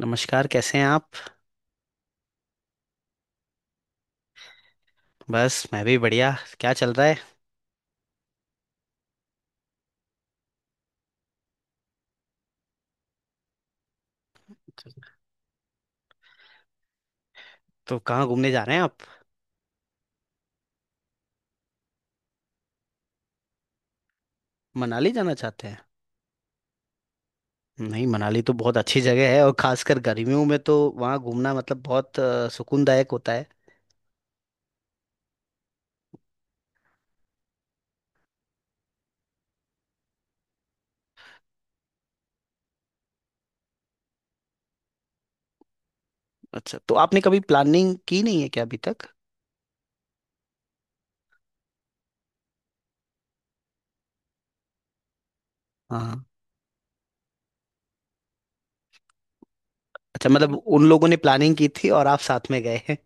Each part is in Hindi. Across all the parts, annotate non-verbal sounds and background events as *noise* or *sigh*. नमस्कार, कैसे हैं आप। बस मैं भी बढ़िया। क्या चल रहा है। तो कहाँ घूमने जा रहे हैं आप। मनाली जाना चाहते हैं। नहीं, मनाली तो बहुत अच्छी जगह है और खासकर गर्मियों में तो वहाँ घूमना मतलब बहुत सुकूनदायक होता है। अच्छा, तो आपने कभी प्लानिंग की नहीं है क्या अभी तक। हाँ। अच्छा, मतलब उन लोगों ने प्लानिंग की थी और आप साथ में गए हैं।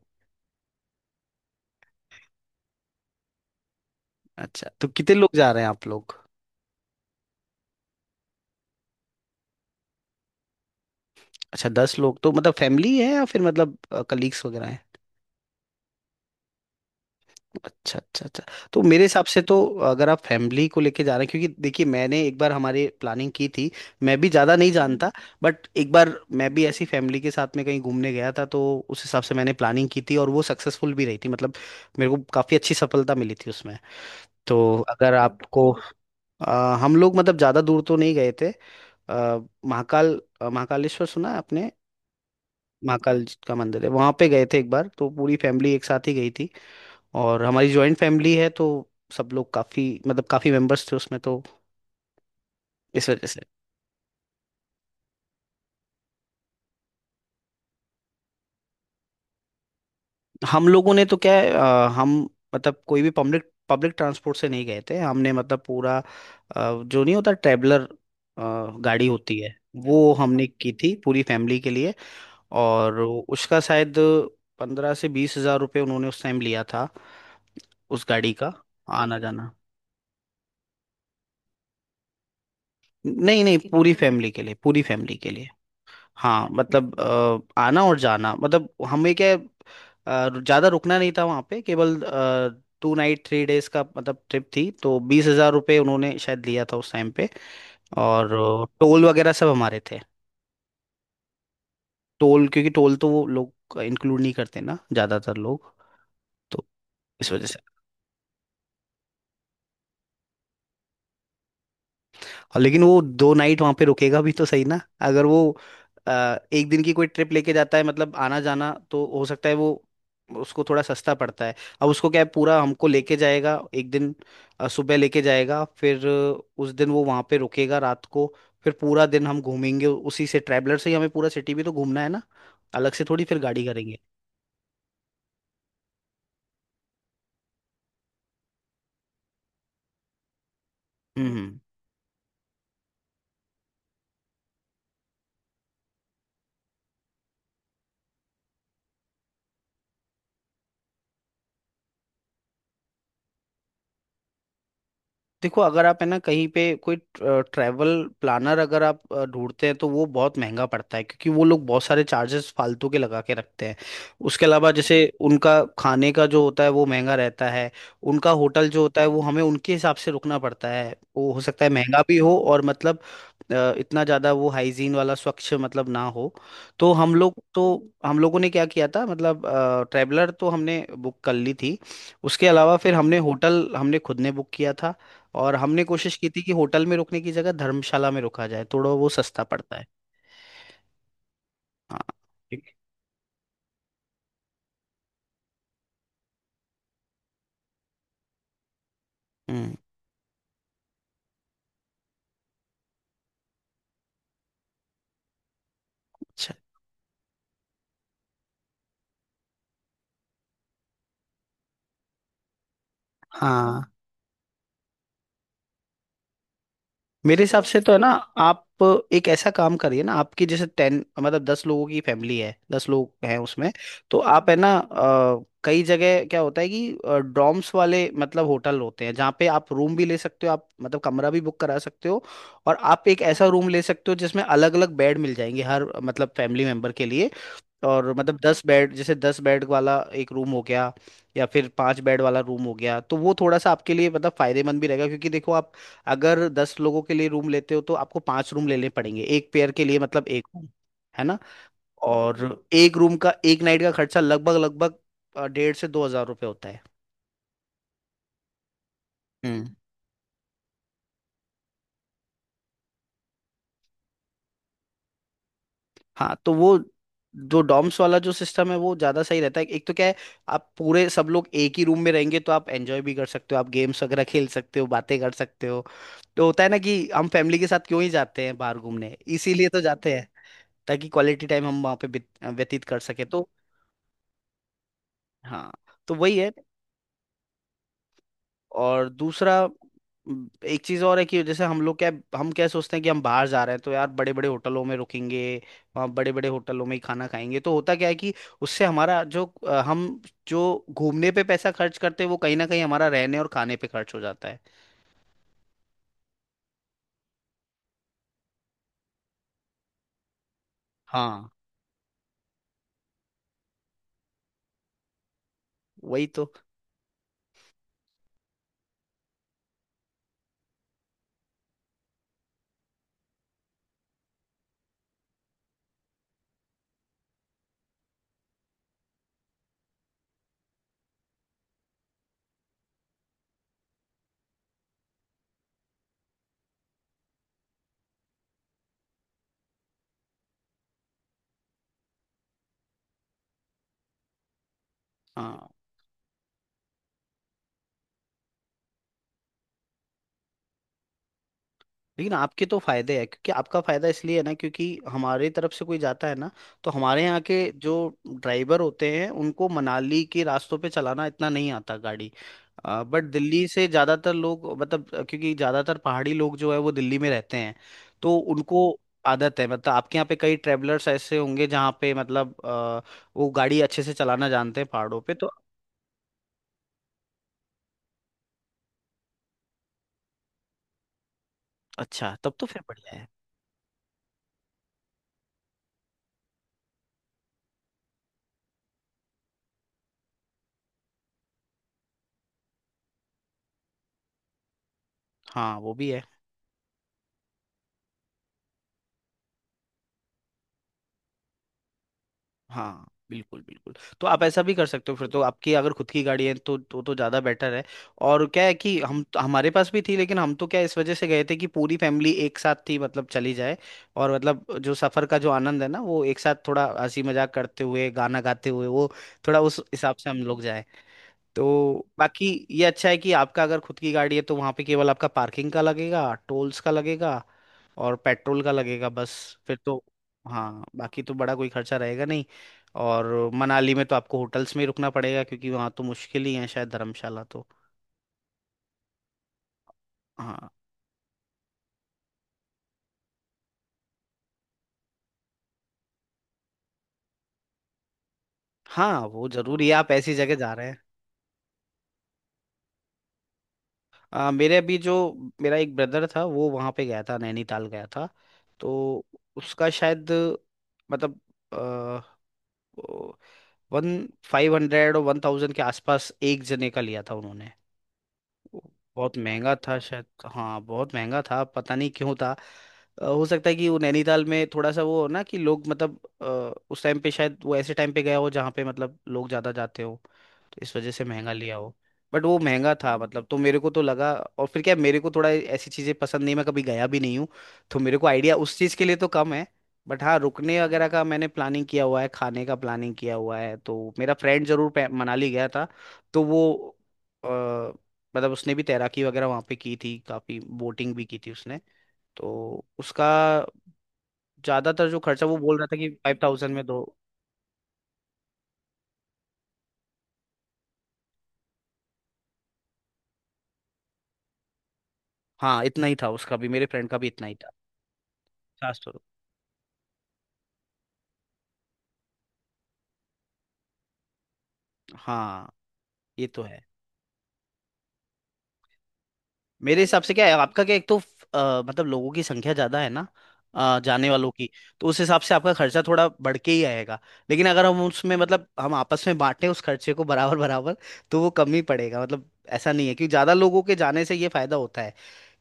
अच्छा, तो कितने लोग जा रहे हैं आप लोग। अच्छा, दस लोग तो मतलब फैमिली है या फिर मतलब कलीग्स वगैरह हैं? अच्छा अच्छा अच्छा। तो मेरे हिसाब से तो अगर आप फैमिली को लेके जा रहे हैं क्योंकि देखिए, मैंने एक बार हमारे प्लानिंग की थी। मैं भी ज़्यादा नहीं जानता। बट एक बार मैं भी ऐसी फैमिली के साथ में कहीं घूमने गया था, तो उस हिसाब से मैंने प्लानिंग की थी और वो सक्सेसफुल भी रही थी, मतलब मेरे को काफ़ी अच्छी सफलता मिली थी उसमें। तो अगर आपको हम लोग मतलब ज़्यादा दूर तो नहीं गए थे। अ, महाकाल महाकालेश्वर सुना है आपने। महाकाल जी का मंदिर है, वहां पे गए थे एक बार तो पूरी फैमिली एक साथ ही गई थी। और हमारी जॉइंट फैमिली है, तो सब लोग काफी, मतलब काफी मेंबर्स थे उसमें, तो इस वजह से। हम लोगों ने तो क्या है, हम मतलब कोई भी पब्लिक पब्लिक ट्रांसपोर्ट से नहीं गए थे हमने, मतलब पूरा जो नहीं होता ट्रैवलर, गाड़ी होती है, वो हमने की थी पूरी फैमिली के लिए। और उसका शायद 15 से 20 हज़ार रुपये उन्होंने उस टाइम लिया था, उस गाड़ी का। आना जाना, नहीं नहीं, पूरी फैमिली के लिए, पूरी फैमिली के लिए। हाँ मतलब आना और जाना। मतलब हमें क्या है, ज्यादा रुकना नहीं था वहाँ पे, केवल 2 नाइट 3 डेज का मतलब ट्रिप थी। तो 20 हज़ार रुपये उन्होंने शायद लिया था उस टाइम पे। और टोल वगैरह सब हमारे थे। टोल, क्योंकि टोल तो वो लोग इंक्लूड नहीं करते ना ज्यादातर लोग, तो इस वजह से। और लेकिन वो दो नाइट वहां पे रुकेगा भी तो सही ना। अगर वो अ, एक दिन की कोई ट्रिप लेके जाता है, मतलब आना जाना, तो हो सकता है वो, उसको थोड़ा सस्ता पड़ता है। अब उसको क्या है, पूरा हमको लेके जाएगा एक दिन, सुबह लेके जाएगा, फिर उस दिन वो वहां पे रुकेगा रात को, फिर पूरा दिन हम घूमेंगे उसी से, ट्रैवलर से ही हमें पूरा सिटी भी तो घूमना है ना। अलग से थोड़ी फिर गाड़ी करेंगे। हम्म। देखो, अगर आप है ना कहीं पे कोई ट्रैवल प्लानर अगर आप ढूंढते हैं, तो वो बहुत महंगा पड़ता है क्योंकि वो लोग बहुत सारे चार्जेस फालतू के लगा के रखते हैं। उसके अलावा जैसे उनका खाने का जो होता है वो महंगा रहता है। उनका होटल जो होता है वो हमें उनके हिसाब से रुकना पड़ता है, वो हो सकता है महंगा भी हो और मतलब इतना ज़्यादा वो हाइजीन वाला, स्वच्छ मतलब ना हो। तो हम लोग तो, हम लोगों ने क्या किया था, मतलब ट्रैवलर तो हमने बुक कर ली थी, उसके अलावा फिर हमने होटल हमने खुद ने बुक किया था। और हमने कोशिश की थी कि होटल में रुकने की जगह धर्मशाला में रुका जाए, थोड़ा वो सस्ता पड़ता है। हाँ। ठीक है। हम्म। अच्छा। हाँ। मेरे हिसाब से तो है ना, आप एक ऐसा काम करिए ना, आपकी जैसे टेन मतलब 10 लोगों की फैमिली है, 10 लोग हैं उसमें, तो आप है ना कई जगह क्या होता है कि डॉर्म्स वाले मतलब होटल होते हैं जहाँ पे आप रूम भी ले सकते हो, आप मतलब कमरा भी बुक करा सकते हो। और आप एक ऐसा रूम ले सकते हो जिसमें अलग अलग बेड मिल जाएंगे हर मतलब फैमिली मेंबर के लिए। और मतलब 10 बेड जैसे, 10 बेड वाला एक रूम हो गया, या फिर 5 बेड वाला रूम हो गया, तो वो थोड़ा सा आपके लिए मतलब फायदेमंद भी रहेगा क्योंकि देखो, आप अगर 10 लोगों के लिए रूम लेते हो तो आपको 5 रूम लेने पड़ेंगे, एक पेयर के लिए मतलब एक रूम, है ना। और एक रूम का एक नाइट का खर्चा लगभग लगभग 1,500 से 2,000 रुपये होता है। हम्म। हाँ तो वो जो डॉम्स वाला जो सिस्टम है वो ज्यादा सही रहता है। एक तो क्या है, आप पूरे सब लोग एक ही रूम में रहेंगे तो आप एंजॉय भी कर सकते हो, आप गेम्स वगैरह खेल सकते हो, बातें कर सकते हो। तो होता है ना कि हम फैमिली के साथ क्यों ही जाते हैं बाहर घूमने, इसीलिए तो जाते हैं, ताकि क्वालिटी टाइम हम वहाँ पे व्यतीत कर सके। तो हाँ, तो वही है। और दूसरा एक चीज और है कि जैसे हम लोग क्या, हम क्या सोचते हैं कि हम बाहर जा रहे हैं तो यार बड़े बड़े होटलों में रुकेंगे, वहाँ बड़े बड़े होटलों में ही खाना खाएंगे, तो होता क्या है कि उससे हमारा जो हम जो घूमने पे पैसा खर्च करते हैं वो कहीं ना कहीं हमारा रहने और खाने पे खर्च हो जाता है। हाँ, वही तो। हाँ लेकिन आपके तो फायदे है क्योंकि आपका फायदा इसलिए है ना क्योंकि हमारी तरफ से कोई जाता है ना, तो हमारे यहाँ के जो ड्राइवर होते हैं उनको मनाली के रास्तों पे चलाना इतना नहीं आता गाड़ी। बट दिल्ली से ज्यादातर लोग मतलब क्योंकि ज्यादातर पहाड़ी लोग जो है वो दिल्ली में रहते हैं, तो उनको आदत है, मतलब आपके यहाँ पे कई ट्रेवलर्स ऐसे होंगे जहाँ पे मतलब वो गाड़ी अच्छे से चलाना जानते हैं पहाड़ों पे, तो। अच्छा, तब तो फिर बढ़िया है। हाँ, वो भी है। हाँ बिल्कुल बिल्कुल। तो आप ऐसा भी कर सकते हो, फिर तो आपकी अगर खुद की गाड़ी है तो तो ज़्यादा बेटर है। और क्या है कि हमारे पास भी थी, लेकिन हम तो क्या इस वजह से गए थे कि पूरी फैमिली एक साथ थी मतलब, चली जाए, और मतलब जो सफ़र का जो आनंद है ना, वो एक साथ थोड़ा हंसी मजाक करते हुए, गाना गाते हुए, वो थोड़ा उस हिसाब से हम लोग जाए। तो बाकी ये अच्छा है कि आपका अगर खुद की गाड़ी है तो वहाँ पे केवल आपका पार्किंग का लगेगा, टोल्स का लगेगा, और पेट्रोल का लगेगा बस। फिर तो हाँ, बाकी तो बड़ा कोई खर्चा रहेगा नहीं। और मनाली में तो आपको होटल्स में ही रुकना पड़ेगा, क्योंकि वहाँ तो मुश्किल ही है शायद धर्मशाला तो। हाँ। हाँ, वो जरूरी है, आप ऐसी जगह जा रहे हैं। मेरे अभी जो, मेरा एक ब्रदर था, वो वहाँ पे गया था, नैनीताल गया था, तो उसका शायद मतलब 1500 और 1000 के आसपास एक जने का लिया था उन्होंने। बहुत महंगा था शायद। हाँ, बहुत महंगा था, पता नहीं क्यों था। हो सकता है कि वो नैनीताल में थोड़ा सा वो हो ना कि लोग मतलब उस टाइम पे शायद वो ऐसे टाइम पे गया हो जहाँ पे मतलब लोग ज़्यादा जाते हो, तो इस वजह से महंगा लिया हो। बट वो महंगा था मतलब, तो मेरे को तो लगा। और फिर क्या, मेरे को थोड़ा ऐसी चीज़ें पसंद नहीं, मैं कभी गया भी नहीं हूँ, तो मेरे को आइडिया उस चीज़ के लिए तो कम है। बट हाँ, रुकने वगैरह का मैंने प्लानिंग किया हुआ है, खाने का प्लानिंग किया हुआ है। तो मेरा फ्रेंड जरूर मनाली गया था, तो वो मतलब उसने भी तैराकी वगैरह वहाँ पे की थी, काफी बोटिंग भी की थी उसने। तो उसका ज्यादातर जो खर्चा वो बोल रहा था कि 5000 में दो। हाँ इतना ही था, उसका भी, मेरे फ्रेंड का भी इतना ही था। 50। हाँ, ये तो है। मेरे हिसाब से क्या है, आपका क्या एक तो मतलब लोगों की संख्या ज्यादा है ना, जाने वालों की, तो उस हिसाब से आपका खर्चा थोड़ा बढ़ के ही आएगा। लेकिन अगर हम उसमें मतलब हम आपस में बांटें उस खर्चे को बराबर बराबर, तो वो कम ही पड़ेगा मतलब। ऐसा नहीं है, क्योंकि ज्यादा लोगों के जाने से ये फायदा होता है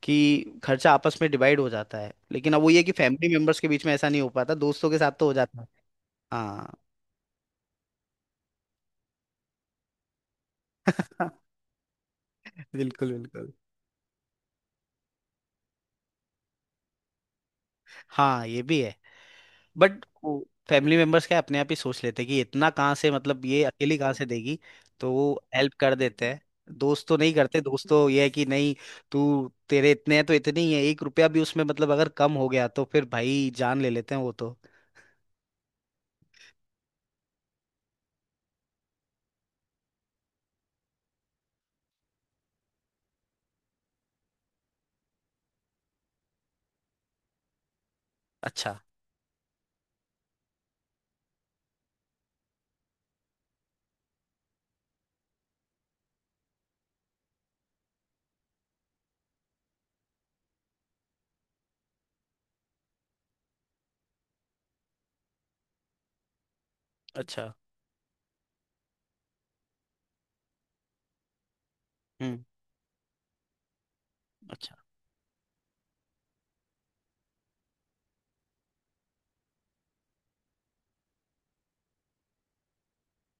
कि खर्चा आपस में डिवाइड हो जाता है। लेकिन अब वो ये है कि फैमिली मेंबर्स के बीच में ऐसा नहीं हो पाता, दोस्तों के साथ तो हो जाता है। हाँ। *laughs* बिल्कुल बिल्कुल। हाँ, ये भी है। बट फैमिली मेंबर्स क्या अपने आप ही सोच लेते हैं कि इतना कहाँ से, मतलब ये अकेली कहाँ से देगी, तो वो हेल्प कर देते हैं। दोस्त तो नहीं करते, दोस्त तो ये है कि, नहीं तू, तेरे इतने हैं तो इतने ही है, एक रुपया भी उसमें मतलब अगर कम हो गया तो फिर भाई जान ले लेते हैं वो तो। अच्छा अच्छा। हम्म। अच्छा।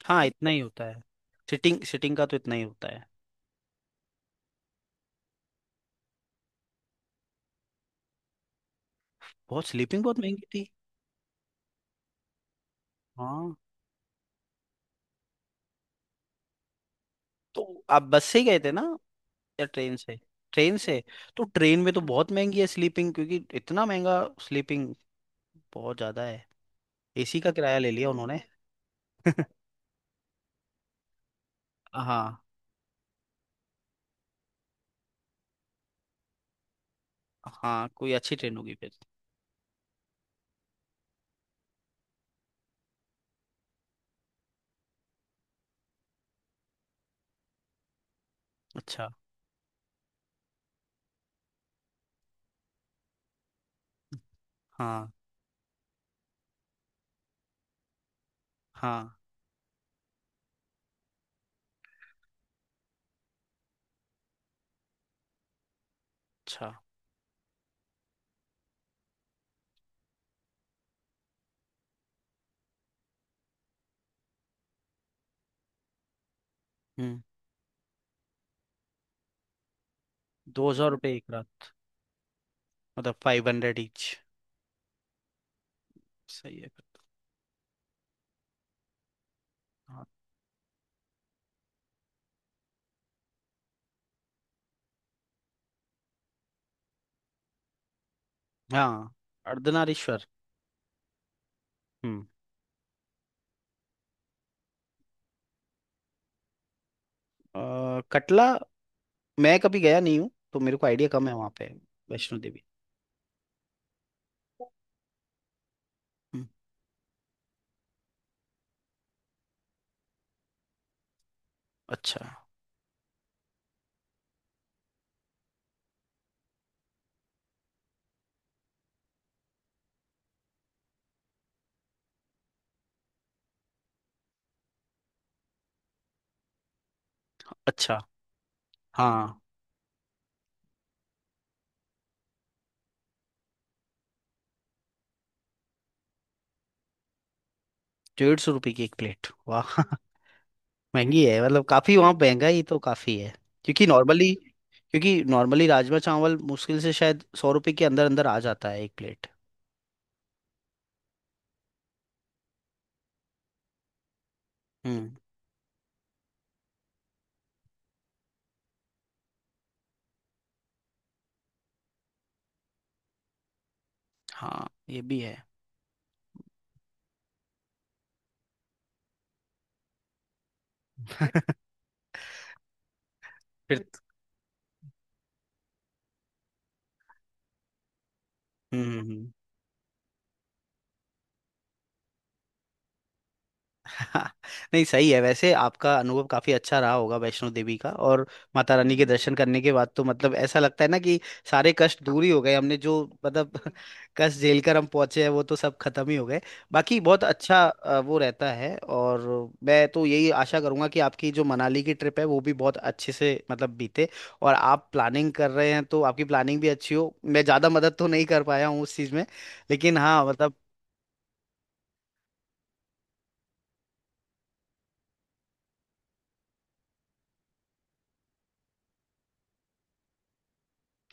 हाँ, इतना ही होता है, सिटिंग, सिटिंग का तो इतना ही होता है। बहुत, स्लीपिंग बहुत महंगी थी। हाँ, तो आप बस से ही गए थे ना, या ट्रेन से। ट्रेन से। तो ट्रेन में तो बहुत महंगी है स्लीपिंग, क्योंकि इतना महंगा स्लीपिंग बहुत ज्यादा है। एसी का किराया ले लिया उन्होंने। *laughs* हाँ, हाँ कोई अच्छी ट्रेन होगी फिर। अच्छा। हाँ हाँ। अच्छा। हम्म। 2000 रुपये एक रात। मतलब 500 ईच। सही है फिर तो। हाँ। हाँ। अर्धनारीश्वर। हम्म। कटला। मैं कभी गया नहीं हूँ, तो मेरे को आइडिया कम है वहाँ पे। वैष्णो देवी। हम्म। अच्छा अच्छा। हाँ। 150 रुपये की एक प्लेट, वाह। *laughs* महंगी है मतलब, काफी वहाँ महंगाई तो काफी है, क्योंकि नॉर्मली राजमा चावल मुश्किल से शायद 100 रुपए के अंदर अंदर आ जाता है एक प्लेट। हम्म। हाँ, ये भी है। फिर। हम्म। *laughs* हाँ, नहीं सही है, वैसे आपका अनुभव काफी अच्छा रहा होगा, वैष्णो देवी का। और माता रानी के दर्शन करने के बाद तो मतलब ऐसा लगता है ना कि सारे कष्ट दूर ही हो गए, हमने जो मतलब *laughs* कष्ट झेल कर हम पहुंचे हैं, वो तो सब खत्म ही हो गए। बाकी बहुत अच्छा वो रहता है। और मैं तो यही आशा करूंगा कि आपकी जो मनाली की ट्रिप है वो भी बहुत अच्छे से मतलब बीते। और आप प्लानिंग कर रहे हैं, तो आपकी प्लानिंग भी अच्छी हो। मैं ज्यादा मदद तो नहीं कर पाया हूँ उस चीज में, लेकिन हाँ मतलब।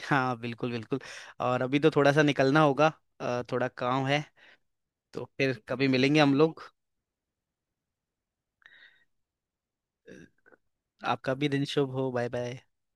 हाँ बिल्कुल बिल्कुल। और अभी तो थोड़ा सा निकलना होगा, थोड़ा काम है। तो फिर कभी मिलेंगे हम लोग। आपका भी दिन शुभ हो। Bye bye.